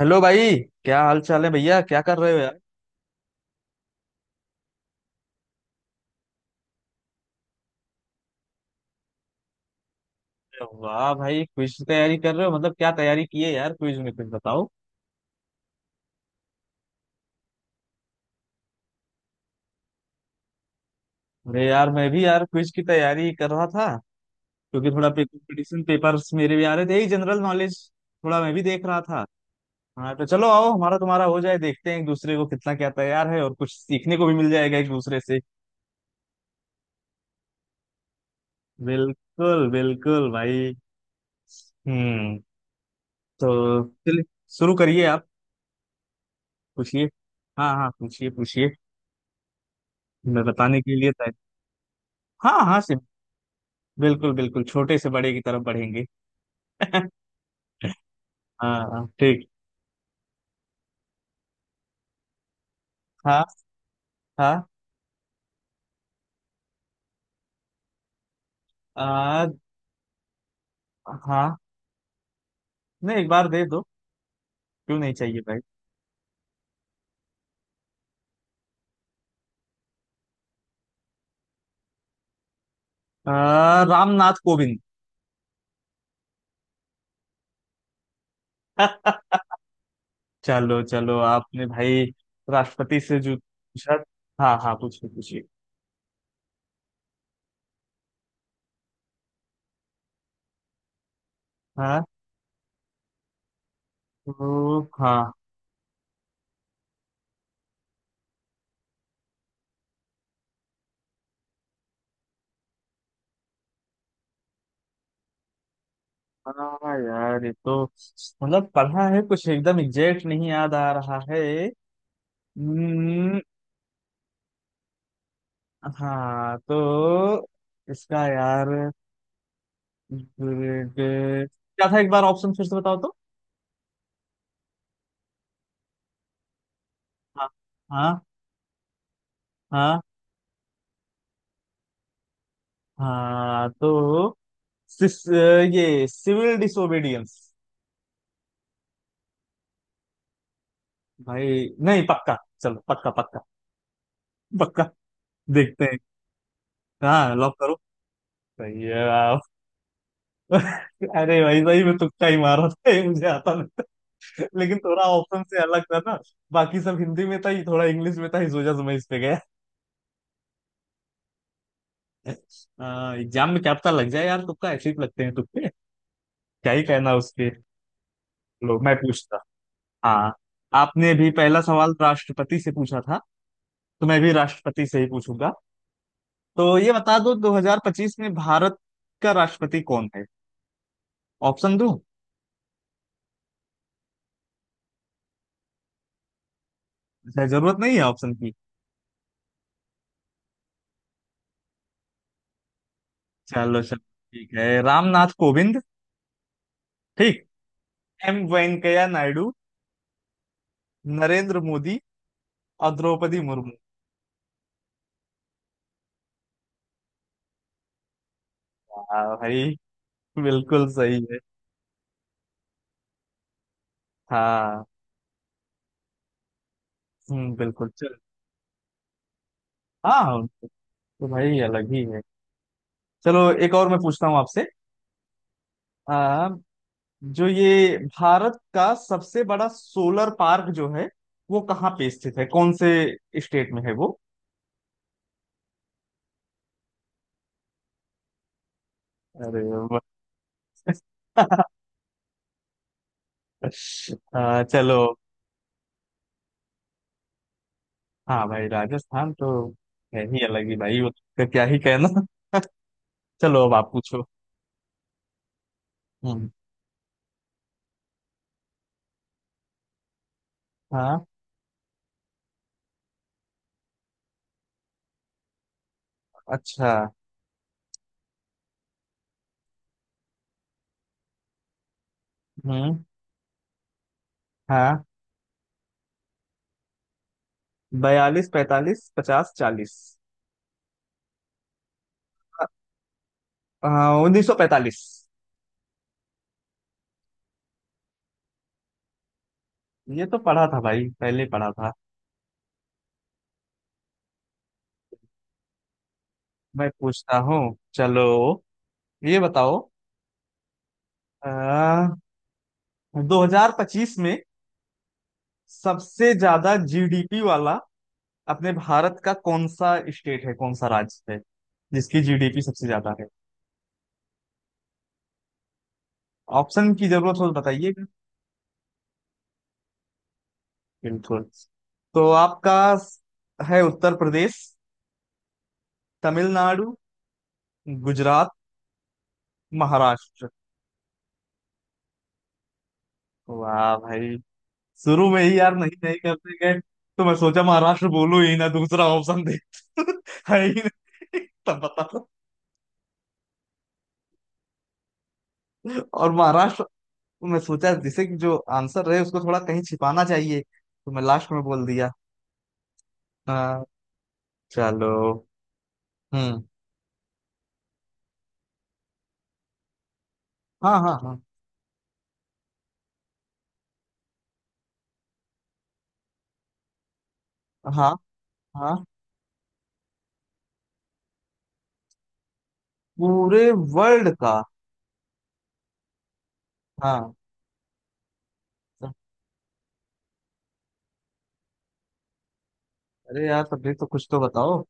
Hello भाई। क्या हाल चाल है भैया? क्या कर रहे हो यार? अरे वाह भाई, क्विज की तैयारी कर रहे हो, मतलब क्या तैयारी की है यार क्विज में? कुछ बताओ। अरे यार, मैं भी यार क्विज की तैयारी कर रहा था, क्योंकि थोड़ा कंपटीशन पेपर्स मेरे भी आ रहे थे, यही जनरल नॉलेज। थोड़ा मैं भी देख रहा था। हाँ, तो चलो आओ, हमारा तुम्हारा हो जाए, देखते हैं एक दूसरे को कितना क्या तैयार है, और कुछ सीखने को भी मिल जाएगा एक दूसरे से। बिल्कुल बिल्कुल भाई। हम्म। तो, चलिए, शुरू करिए आप। पूछिए। हाँ हाँ, पूछिए पूछिए। मैं बताने के लिए तैयार। हाँ हाँ। बिल्कुल बिल्कुल, छोटे से बड़े की तरफ बढ़ेंगे। हाँ, ठीक। हाँ हाँ। आ, हाँ। नहीं, एक बार दे दो। क्यों नहीं चाहिए भाई? रामनाथ कोविंद। चलो चलो आपने भाई, राष्ट्रपति से जो पूछा। हाँ हाँ, पूछिए पूछिए। हाँ। तो हाँ, हाँ यार ये तो, मतलब पढ़ा है, कुछ एकदम एग्जैक्ट नहीं याद आ रहा है। हम्म, हाँ, तो इसका यार ग्रेड क्या था? एक बार ऑप्शन फिर से बताओ तो। हाँ हाँ। हाँ हाँ। तो सिस, ये सिविल डिसोबीडियंस। भाई, नहीं पक्का। चलो, पक्का पक्का। पक्का। देखते हैं। हाँ, लॉक करो। सही है आप। अरे भाई भाई, मैं तुक्का ही मारा था, ये मुझे आता नहीं था। लेकिन थोड़ा ऑप्शन से अलग था ना। बाकी सब हिंदी में था, ये थोड़ा इंग्लिश में था, इस वजह से मैं इस पे गया। एग्जाम में क्या पता लग जाए यार, तुक्का ऐसे ही लगते हैं तुक्के। क्या ही कहना उसके। लो मैं पूछता। हाँ। आपने भी पहला सवाल राष्ट्रपति से पूछा था, तो मैं भी राष्ट्रपति से ही पूछूंगा। तो ये बता दो, 2025 में भारत का राष्ट्रपति कौन है? ऑप्शन दूं? अच्छा, जरूरत नहीं है ऑप्शन की। चलो चलो। ठीक है, रामनाथ कोविंद। ठीक। एम वेंकैया नायडू। नरेंद्र मोदी और द्रौपदी मुर्मू। हाँ भाई। बिल्कुल सही है। हाँ। बिल्कुल, चलो। हाँ, तो भाई अलग ही है। चलो, एक और मैं पूछता हूँ आपसे। जो ये भारत का सबसे बड़ा सोलर पार्क जो है, वो कहाँ पे स्थित है? कौन से स्टेट में है वो? अरे वाह। चलो। हाँ भाई, राजस्थान तो है ही अलग ही भाई, उसका क्या ही कहना। चलो, अब आप पूछो। हम्म। हाँ। अच्छा। हम्म। हाँ। 42, 45, 50, 40। 1945। ये तो पढ़ा था भाई, पहले पढ़ा था। मैं पूछता हूँ। चलो, ये बताओ, 2025 में सबसे ज्यादा जीडीपी वाला, अपने भारत का कौन सा स्टेट है, कौन सा राज्य है जिसकी जीडीपी सबसे ज्यादा है? ऑप्शन की जरूरत हो तो बताइएगा। बिल्कुल। तो आपका है उत्तर प्रदेश, तमिलनाडु, गुजरात, महाराष्ट्र। वाह भाई, शुरू में ही यार नहीं नहीं करते गए, तो मैं सोचा महाराष्ट्र बोलूं ही ना, दूसरा ऑप्शन दे। है ही नहीं। तब बता। और महाराष्ट्र, तो मैं सोचा जैसे कि जो आंसर रहे उसको थोड़ा कहीं छिपाना चाहिए, तो मैं लास्ट में बोल दिया। हाँ। चलो। हम्म। हाँ हाँ हाँ। हाँ। हाँ। पूरे वर्ल्ड का? हाँ। अरे यार, तब भी तो कुछ तो बताओ।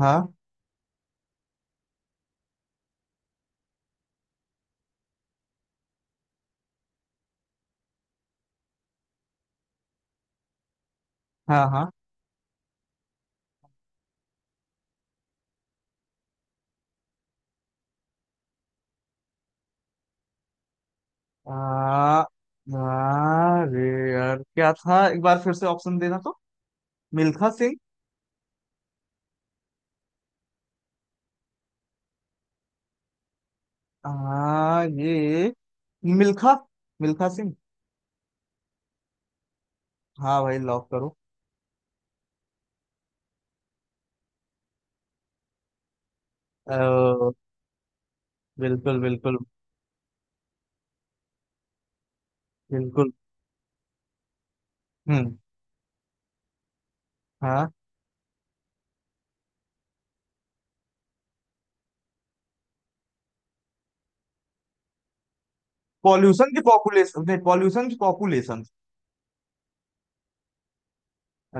हाँ हाँ। हाँ। आ, आ, अरे यार क्या था, एक बार फिर से ऑप्शन देना तो। मिल्खा सिंह। ये मिल्खा मिल्खा सिंह। हाँ भाई, लॉक करो। अ, बिल्कुल बिल्कुल। बिल्कुल। हम्म। हाँ। पॉल्यूशन की पॉपुलेशन, नहीं, पॉल्यूशन की पॉपुलेशन।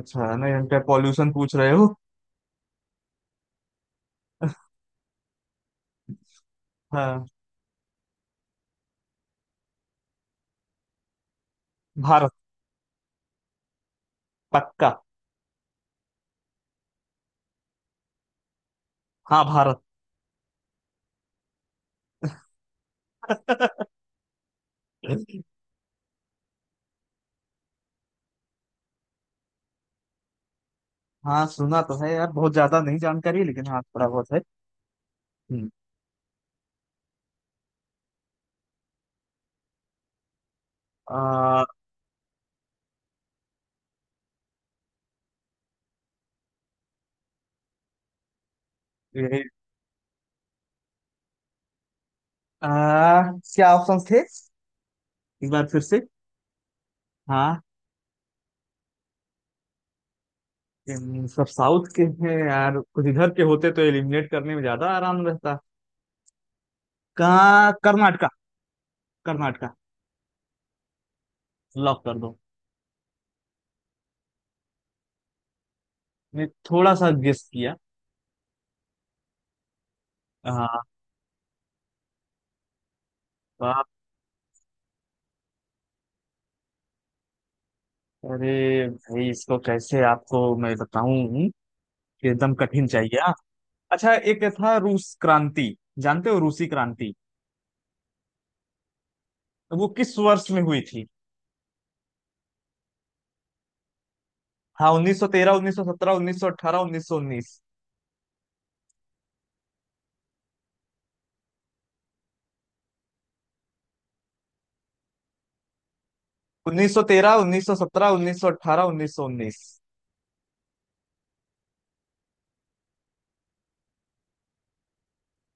अच्छा नहीं, हम क्या पॉल्यूशन पूछ रहे हो? हाँ, भारत। पक्का। हाँ, भारत। हाँ, सुना तो है यार, बहुत ज्यादा नहीं जानकारी है, लेकिन हाँ थोड़ा बहुत है। हम्म। आ, यही। आ, क्या ऑप्शन थे एक बार फिर से? हाँ। इन सब साउथ के हैं यार, कुछ इधर के होते तो एलिमिनेट करने में ज्यादा आराम रहता। कहाँ, कर्नाटका। कर्नाटका। लॉक कर दो। मैं थोड़ा सा गेस किया। हाँ। अरे भाई, इसको कैसे आपको मैं बताऊं कि एकदम कठिन चाहिए, हाँ। अच्छा, एक था रूस क्रांति, जानते हो रूसी क्रांति? तो वो किस वर्ष में हुई थी? हाँ, 1913, 1917, 1918, 1919। 1913, 1917, 1918, 1919।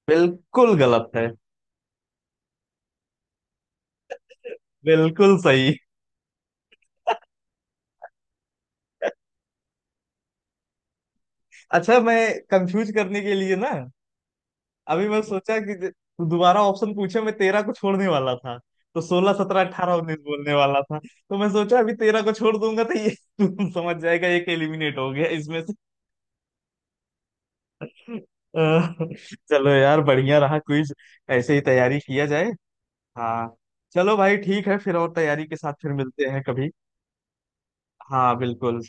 बिल्कुल गलत है। बिल्कुल सही। अच्छा, मैं कंफ्यूज करने के लिए ना, अभी मैं सोचा कि तू दोबारा ऑप्शन पूछे, मैं 13 को छोड़ने वाला था। तो 16, 17, 18, 19 बोलने वाला था, तो मैं सोचा अभी 13 को छोड़ दूंगा तो ये। तू समझ जाएगा एक एलिमिनेट हो गया इसमें से। अह, चलो यार, बढ़िया रहा क्विज। ऐसे ही तैयारी किया जाए। हाँ। चलो भाई, ठीक है, फिर और तैयारी के साथ फिर मिलते हैं कभी। हाँ, बिल्कुल।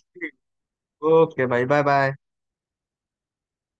ओके भाई, बाय बाय।